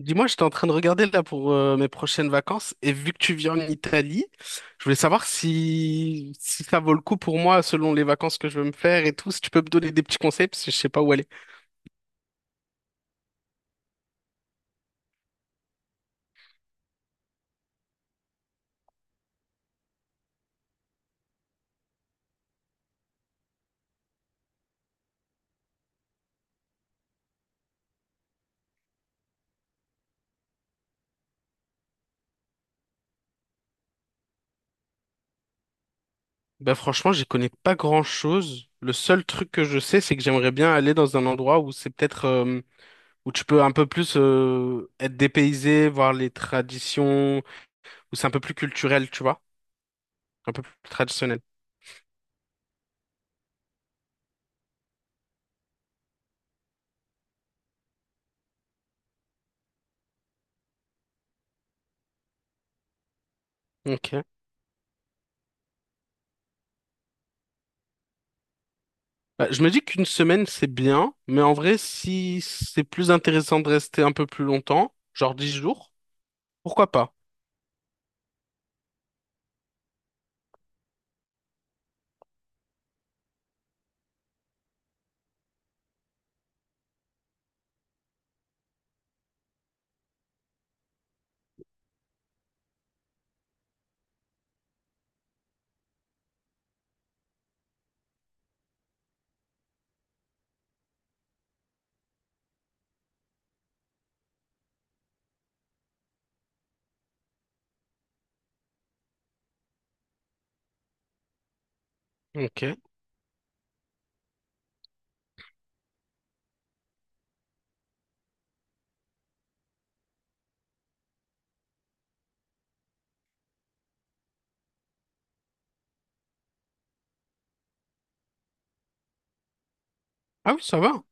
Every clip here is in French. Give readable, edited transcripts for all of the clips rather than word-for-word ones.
Dis-moi, j'étais en train de regarder là pour mes prochaines vacances et vu que tu vis en Italie, je voulais savoir si ça vaut le coup pour moi selon les vacances que je veux me faire et tout, si tu peux me donner des petits conseils parce que je sais pas où aller. Ben franchement, j'y connais pas grand-chose. Le seul truc que je sais, c'est que j'aimerais bien aller dans un endroit où c'est peut-être où tu peux un peu plus être dépaysé, voir les traditions, où c'est un peu plus culturel, tu vois, un peu plus traditionnel. Ok. Bah, je me dis qu'une semaine, c'est bien, mais en vrai, si c'est plus intéressant de rester un peu plus longtemps, genre 10 jours, pourquoi pas? Ok. Ah oui, ça va.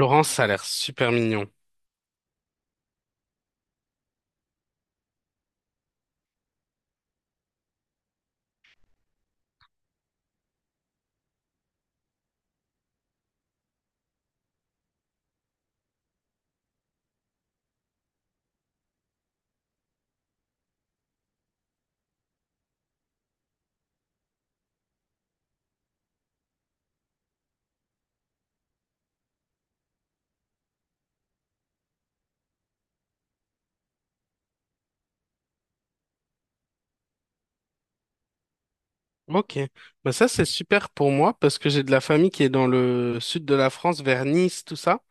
Laurence, ça a l'air super mignon. Ok, bah ça c'est super pour moi parce que j'ai de la famille qui est dans le sud de la France, vers Nice, tout ça.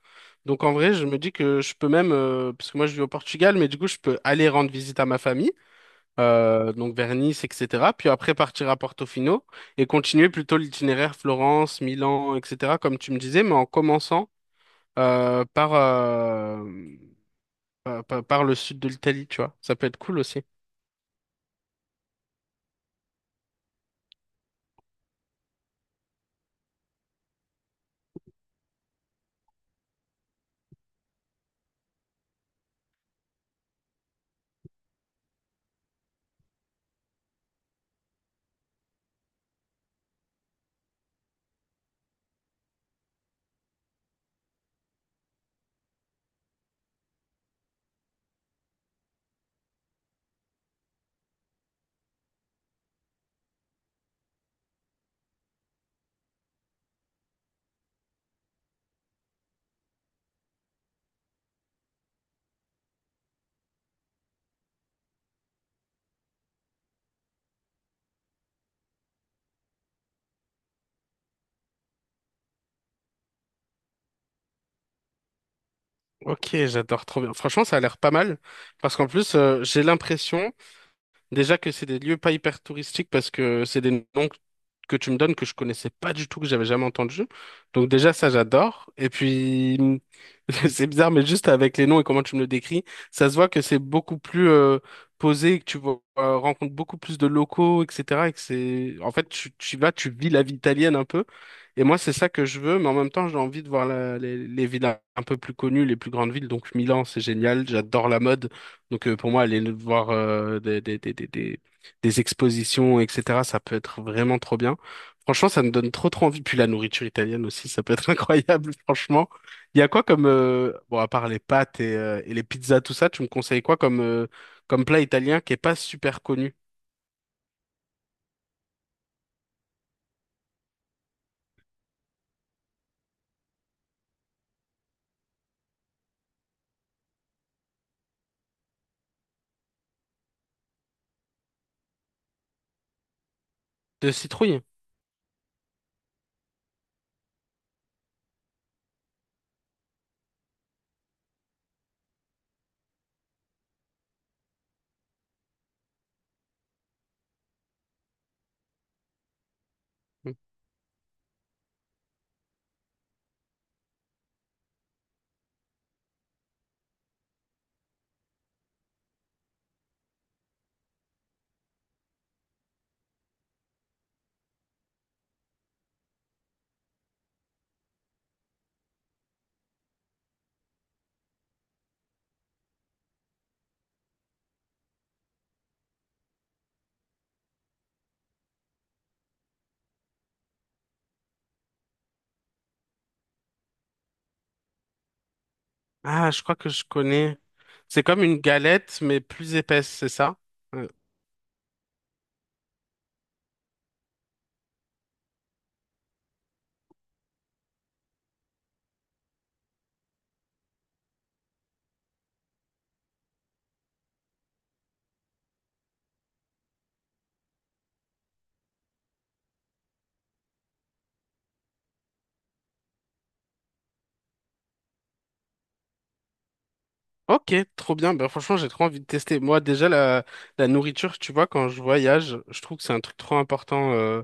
Donc en vrai, je me dis que je peux même, parce que moi je vis au Portugal, mais du coup je peux aller rendre visite à ma famille, donc vers Nice, etc. Puis après partir à Portofino et continuer plutôt l'itinéraire Florence, Milan, etc. Comme tu me disais, mais en commençant euh, par, euh, par le sud de l'Italie, tu vois. Ça peut être cool aussi. Ok, j'adore trop bien. Franchement, ça a l'air pas mal parce qu'en plus, j'ai l'impression déjà que c'est des lieux pas hyper touristiques parce que c'est des noms que tu me donnes que je connaissais pas du tout, que j'avais jamais entendu. Donc déjà ça j'adore. Et puis c'est bizarre mais juste avec les noms et comment tu me le décris, ça se voit que c'est beaucoup plus posé, que tu vois, rencontres beaucoup plus de locaux, etc. Et que c'est en fait tu vas, tu vis la vie italienne un peu. Et moi c'est ça que je veux, mais en même temps j'ai envie de voir les villes un peu plus connues, les plus grandes villes. Donc Milan c'est génial, j'adore la mode. Donc pour moi, aller voir des expositions, etc., ça peut être vraiment trop bien. Franchement, ça me donne trop trop envie. Puis la nourriture italienne aussi, ça peut être incroyable, franchement. Il y a quoi comme... Bon, à part les pâtes et les pizzas, tout ça, tu me conseilles quoi comme plat italien qui est pas super connu? De citrouille? Mmh. Ah, je crois que je connais. C'est comme une galette, mais plus épaisse, c'est ça? Ouais. Ok, trop bien. Bah, franchement, j'ai trop envie de tester. Moi, déjà, la nourriture, tu vois, quand je voyage, je trouve que c'est un truc trop important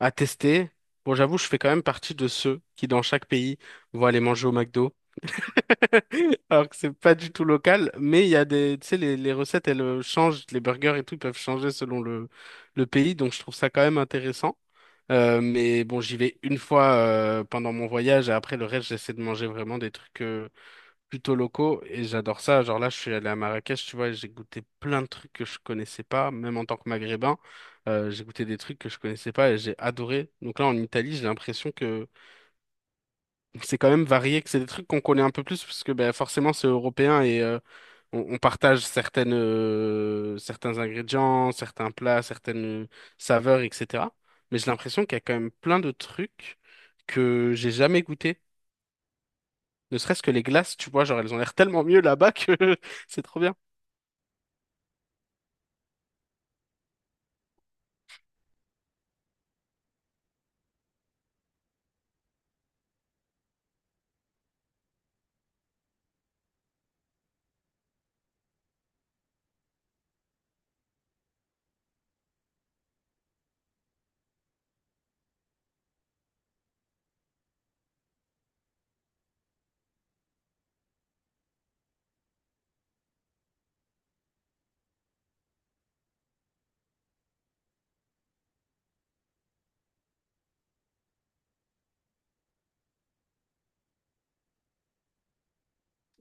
à tester. Bon, j'avoue, je fais quand même partie de ceux qui, dans chaque pays, vont aller manger au McDo. Alors que c'est pas du tout local, mais il y a des, tu sais, les recettes, elles changent, les burgers et tout, ils peuvent changer selon le pays, donc je trouve ça quand même intéressant. Mais bon, j'y vais une fois pendant mon voyage et après le reste, j'essaie de manger vraiment des trucs plutôt locaux et j'adore ça. Genre là, je suis allé à Marrakech, tu vois, et j'ai goûté plein de trucs que je connaissais pas, même en tant que Maghrébin, j'ai goûté des trucs que je connaissais pas et j'ai adoré. Donc là, en Italie, j'ai l'impression que c'est quand même varié, que c'est des trucs qu'on connaît un peu plus parce que ben, forcément, c'est européen et on partage certaines, certains ingrédients, certains plats, certaines saveurs, etc. Mais j'ai l'impression qu'il y a quand même plein de trucs que j'ai jamais goûté. Ne serait-ce que les glaces, tu vois, genre elles ont l'air tellement mieux là-bas que c'est trop bien.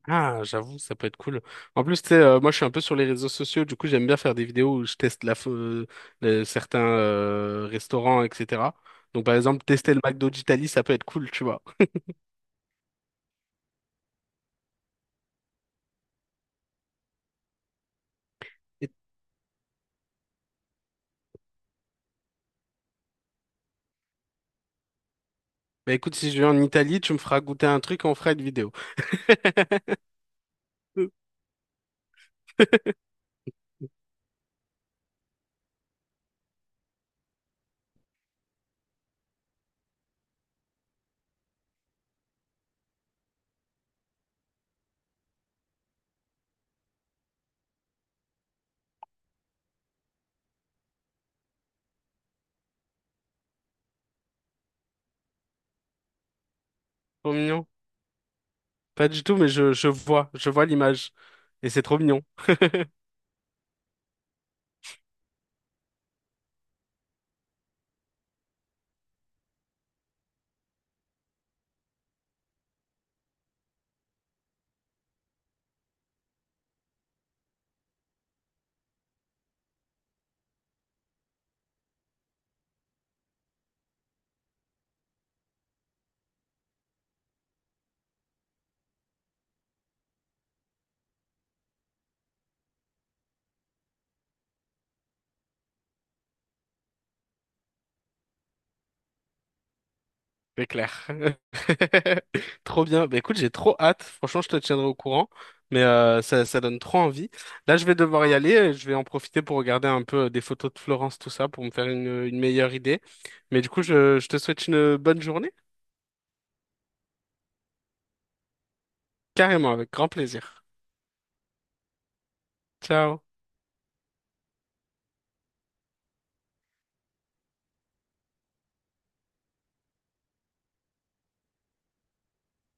Ah, j'avoue, ça peut être cool. En plus, tu sais, moi je suis un peu sur les réseaux sociaux, du coup j'aime bien faire des vidéos où je teste certains restaurants, etc. Donc par exemple, tester le McDo d'Italie, ça peut être cool, tu vois. Bah écoute, si je vais en Italie, tu me feras goûter un truc, on fera une vidéo. Peu. Trop mignon. Pas du tout, mais je vois l'image. Et c'est trop mignon, c'est clair. Trop bien. Bah écoute, j'ai trop hâte. Franchement, je te tiendrai au courant. Mais ça, ça donne trop envie. Là, je vais devoir y aller. Je vais en profiter pour regarder un peu des photos de Florence, tout ça, pour me faire une meilleure idée. Mais du coup, je te souhaite une bonne journée. Carrément, avec grand plaisir. Ciao.